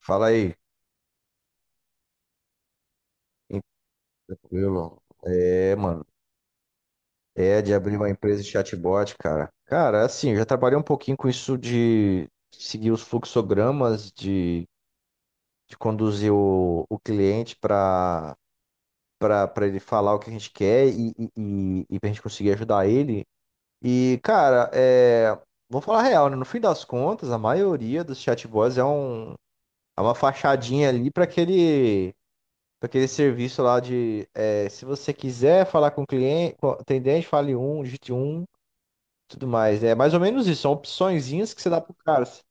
Fala aí. Sim, tranquilo. Mano, é de abrir uma empresa de chatbot, cara. Cara, assim, eu já trabalhei um pouquinho com isso de seguir os fluxogramas, de conduzir o cliente para para ele falar o que a gente quer e pra gente conseguir ajudar ele. E, cara, é, vou falar a real, né? No fim das contas, a maioria dos chatbots é uma fachadinha ali para aquele. Pra aquele serviço lá de, é, se você quiser falar com o cliente, com o atendente, fale um, digite um, tudo mais. É mais ou menos isso, são opçõezinhas que você dá pro cara, assim,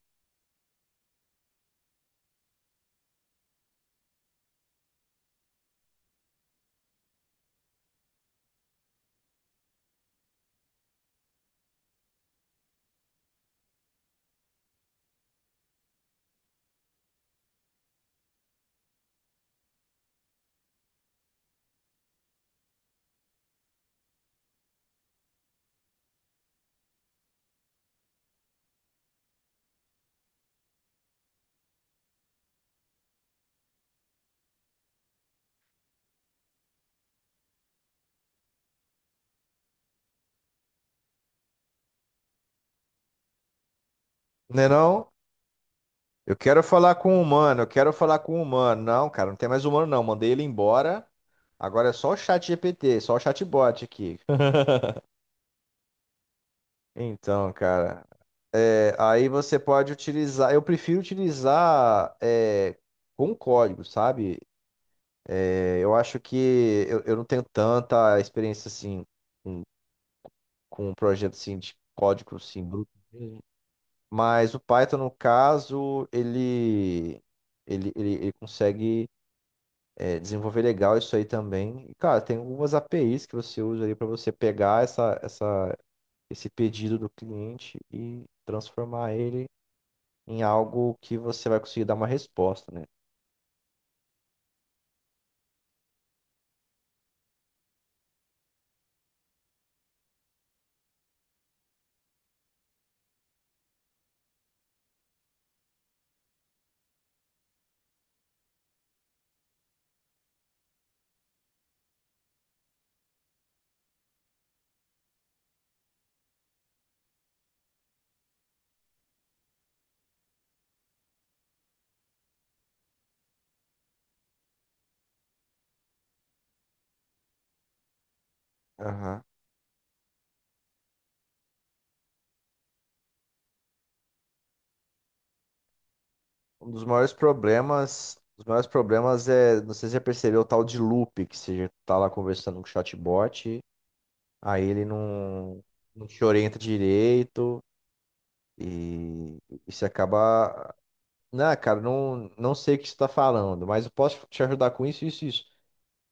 né não? Eu quero falar com o humano, eu quero falar com o humano. Não, cara, não tem mais humano não, mandei ele embora. Agora é só o chat GPT, só o chatbot aqui. Então, cara, é, aí você pode utilizar. Eu prefiro utilizar é, com código, sabe? É, eu acho que eu não tenho tanta experiência assim com um projeto assim, de código assim, bruto mesmo. Mas o Python, no caso, ele consegue é, desenvolver legal isso aí também. E, cara, tem algumas APIs que você usa ali para você pegar esse pedido do cliente e transformar ele em algo que você vai conseguir dar uma resposta, né? Aham. Um dos maiores problemas, os maiores problemas é, não sei se você já percebeu o tal de loop, que você já tá lá conversando com o chatbot. Aí ele não, não te orienta direito e isso acaba. Não, cara, não sei o que você está falando, mas eu posso te ajudar com isso, isso, isso.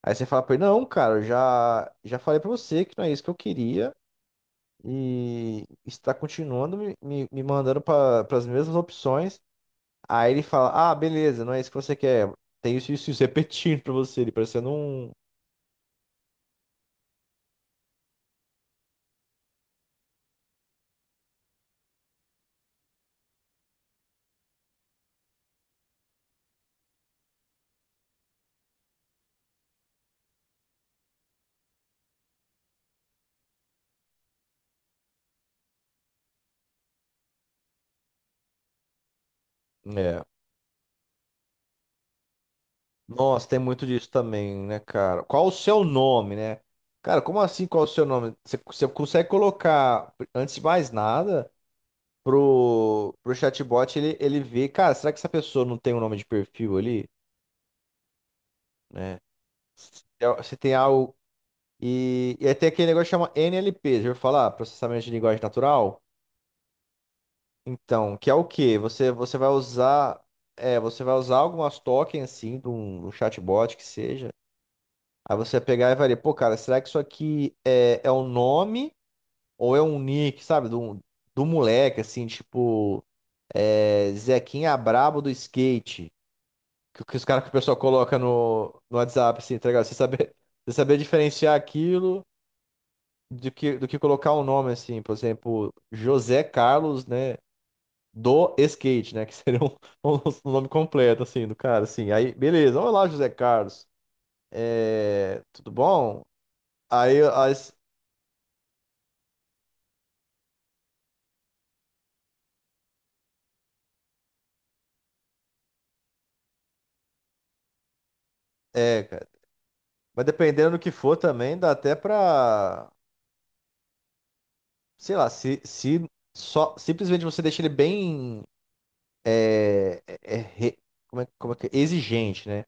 Aí você fala para ele, não, cara, eu já falei para você que não é isso que eu queria e está continuando me mandando para as mesmas opções. Aí ele fala, ah, beleza, não é isso que você quer. Tem isso, isso, isso, repetindo para você, ele parecendo um. É, nossa, tem muito disso também, né, cara? Qual o seu nome, né? Cara, como assim qual o seu nome? Você consegue colocar, antes de mais nada, pro chatbot ele ver, cara, será que essa pessoa não tem um nome de perfil ali, né? Se, tem se tem algo. E aí tem aquele negócio que chama NLP, já ouviu falar? Processamento de linguagem natural? Então, que é o quê? Você, você vai usar. É, você vai usar algumas tokens, assim, de um chatbot que seja. Aí você ia pegar e varia, pô, cara, será que isso aqui é um nome ou é um nick, sabe? Do, do moleque, assim, tipo, é, Zequinha Brabo do skate. Que os caras que o pessoal coloca no WhatsApp, assim, tá ligado? Você saber diferenciar aquilo do que colocar um nome, assim, por exemplo, José Carlos, né? Do skate, né? Que seria um, um nome completo, assim, do cara, assim. Aí, beleza, olá, José Carlos. É, tudo bom? Aí, as, é, cara. Mas dependendo do que for também, dá até pra. Sei lá, se só simplesmente você deixa ele bem. É, é, é, re- como é que é? Exigente, né?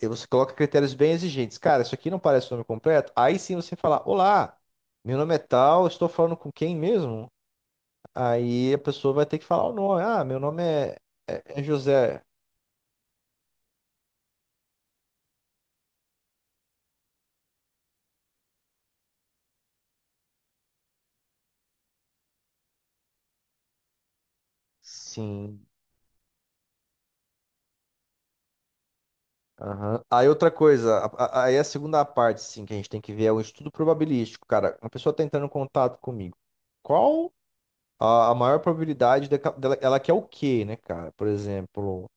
E você coloca critérios bem exigentes. Cara, isso aqui não parece o nome completo. Aí sim você fala: olá, meu nome é tal, estou falando com quem mesmo? Aí a pessoa vai ter que falar o nome. Ah, meu nome é, é José. Sim. Aham. Aí outra coisa, aí a segunda parte, sim, que a gente tem que ver é o estudo probabilístico, cara. Uma pessoa tá entrando em contato comigo. Qual a maior probabilidade dela, ela quer o quê, né, cara? Por exemplo,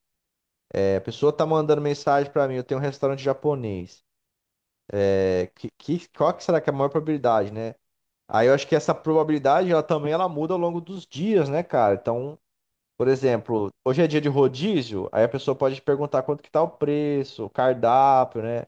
é, a pessoa tá mandando mensagem pra mim, eu tenho um restaurante japonês. É, qual que será que é a maior probabilidade, né? Aí eu acho que essa probabilidade, ela também ela muda ao longo dos dias, né, cara? Então, por exemplo, hoje é dia de rodízio, aí a pessoa pode perguntar quanto que tá o preço, o cardápio, né?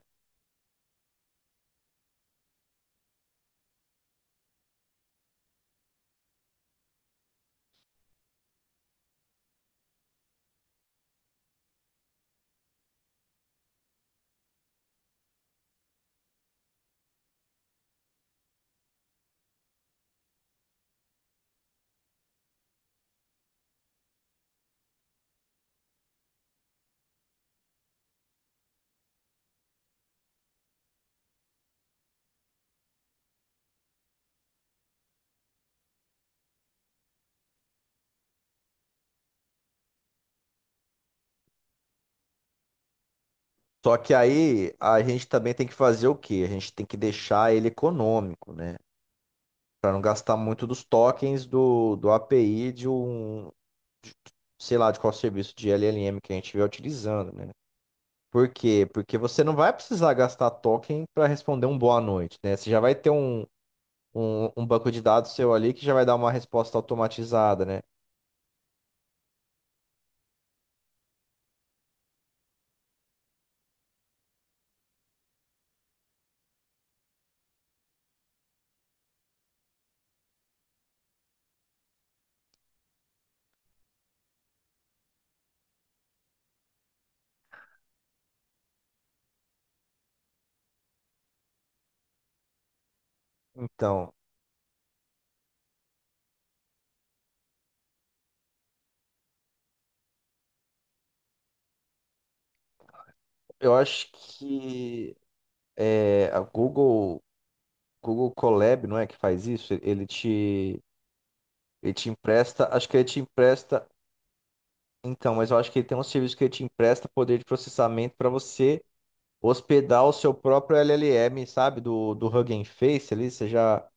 Só que aí a gente também tem que fazer o quê? A gente tem que deixar ele econômico, né? Para não gastar muito dos tokens do API de um, de- sei lá, de qual serviço de LLM que a gente estiver utilizando, né? Por quê? Porque você não vai precisar gastar token para responder um boa noite, né? Você já vai ter um banco de dados seu ali que já vai dar uma resposta automatizada, né? Então, eu acho que é, a Google, Google Colab, não é que faz isso? Ele te ele te empresta, acho que ele te empresta, então, mas eu acho que ele tem um serviço que ele te empresta poder de processamento para você hospedar o seu próprio LLM, sabe, do Hugging Face ali,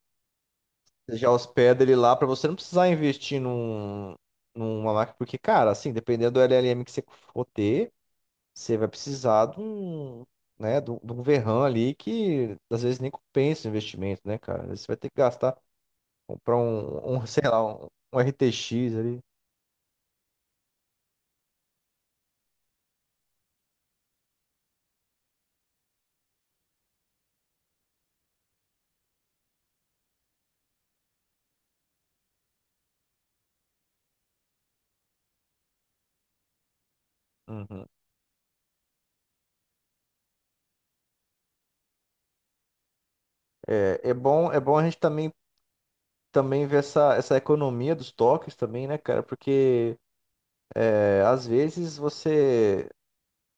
você já hospeda ele lá para você não precisar investir num, numa máquina, porque, cara, assim, dependendo do LLM que você for ter, você vai precisar de um, né, de um verran ali que às vezes nem compensa o investimento, né, cara? Às vezes você vai ter que gastar, comprar um, um sei lá, um RTX ali. Uhum. É bom a gente também, também ver essa economia dos toques também, né, cara? Porque é, às vezes você,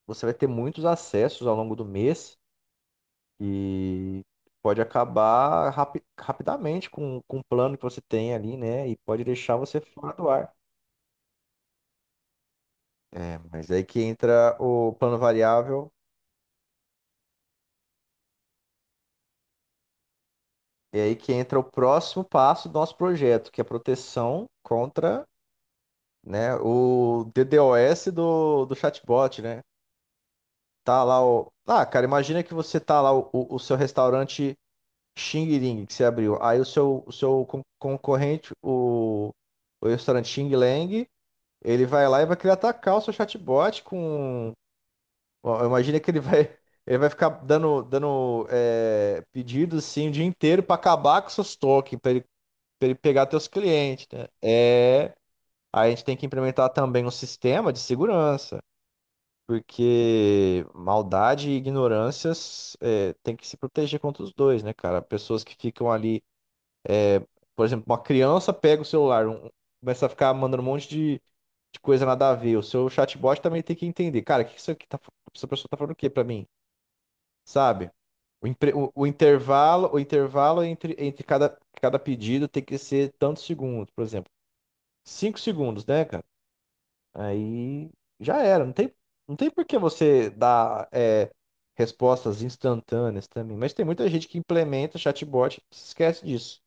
você vai ter muitos acessos ao longo do mês e pode acabar rapidamente com o plano que você tem ali, né? E pode deixar você fora do ar. É, mas é aí que entra o plano variável, e aí que entra o próximo passo do nosso projeto, que é a proteção contra, né, o DDoS do chatbot, né? Tá lá o. Ah, cara, imagina que você tá lá, o seu restaurante Xing Ling que você abriu. Aí o seu concorrente, o restaurante Xing Lang, ele vai lá e vai querer atacar o seu chatbot com. Ó, imagina que ele vai. Ele vai ficar dando é, pedidos assim o dia inteiro pra acabar com seus tokens, pra ele pegar teus clientes, né? É. Aí a gente tem que implementar também um sistema de segurança. Porque maldade e ignorâncias é, tem que se proteger contra os dois, né, cara? Pessoas que ficam ali, por exemplo, uma criança pega o celular, um- começa a ficar mandando um monte de coisa nada a ver. O seu chatbot também tem que entender, cara, o que que isso aqui tá, fa- essa pessoa tá falando o quê pra mim? Sabe? O intervalo entre cada, cada pedido tem que ser tantos segundos, por exemplo. 5 segundos, né, cara? Aí já era. Não tem, não tem por que você dar é, respostas instantâneas também. Mas tem muita gente que implementa chatbot e se esquece disso.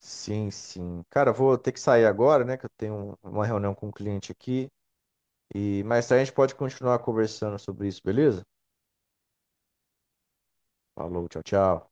Sim, sim. Cara, eu vou ter que sair agora, né? Que eu tenho uma reunião com um cliente aqui. E mais tarde a gente pode continuar conversando sobre isso, beleza? Falou, tchau, tchau.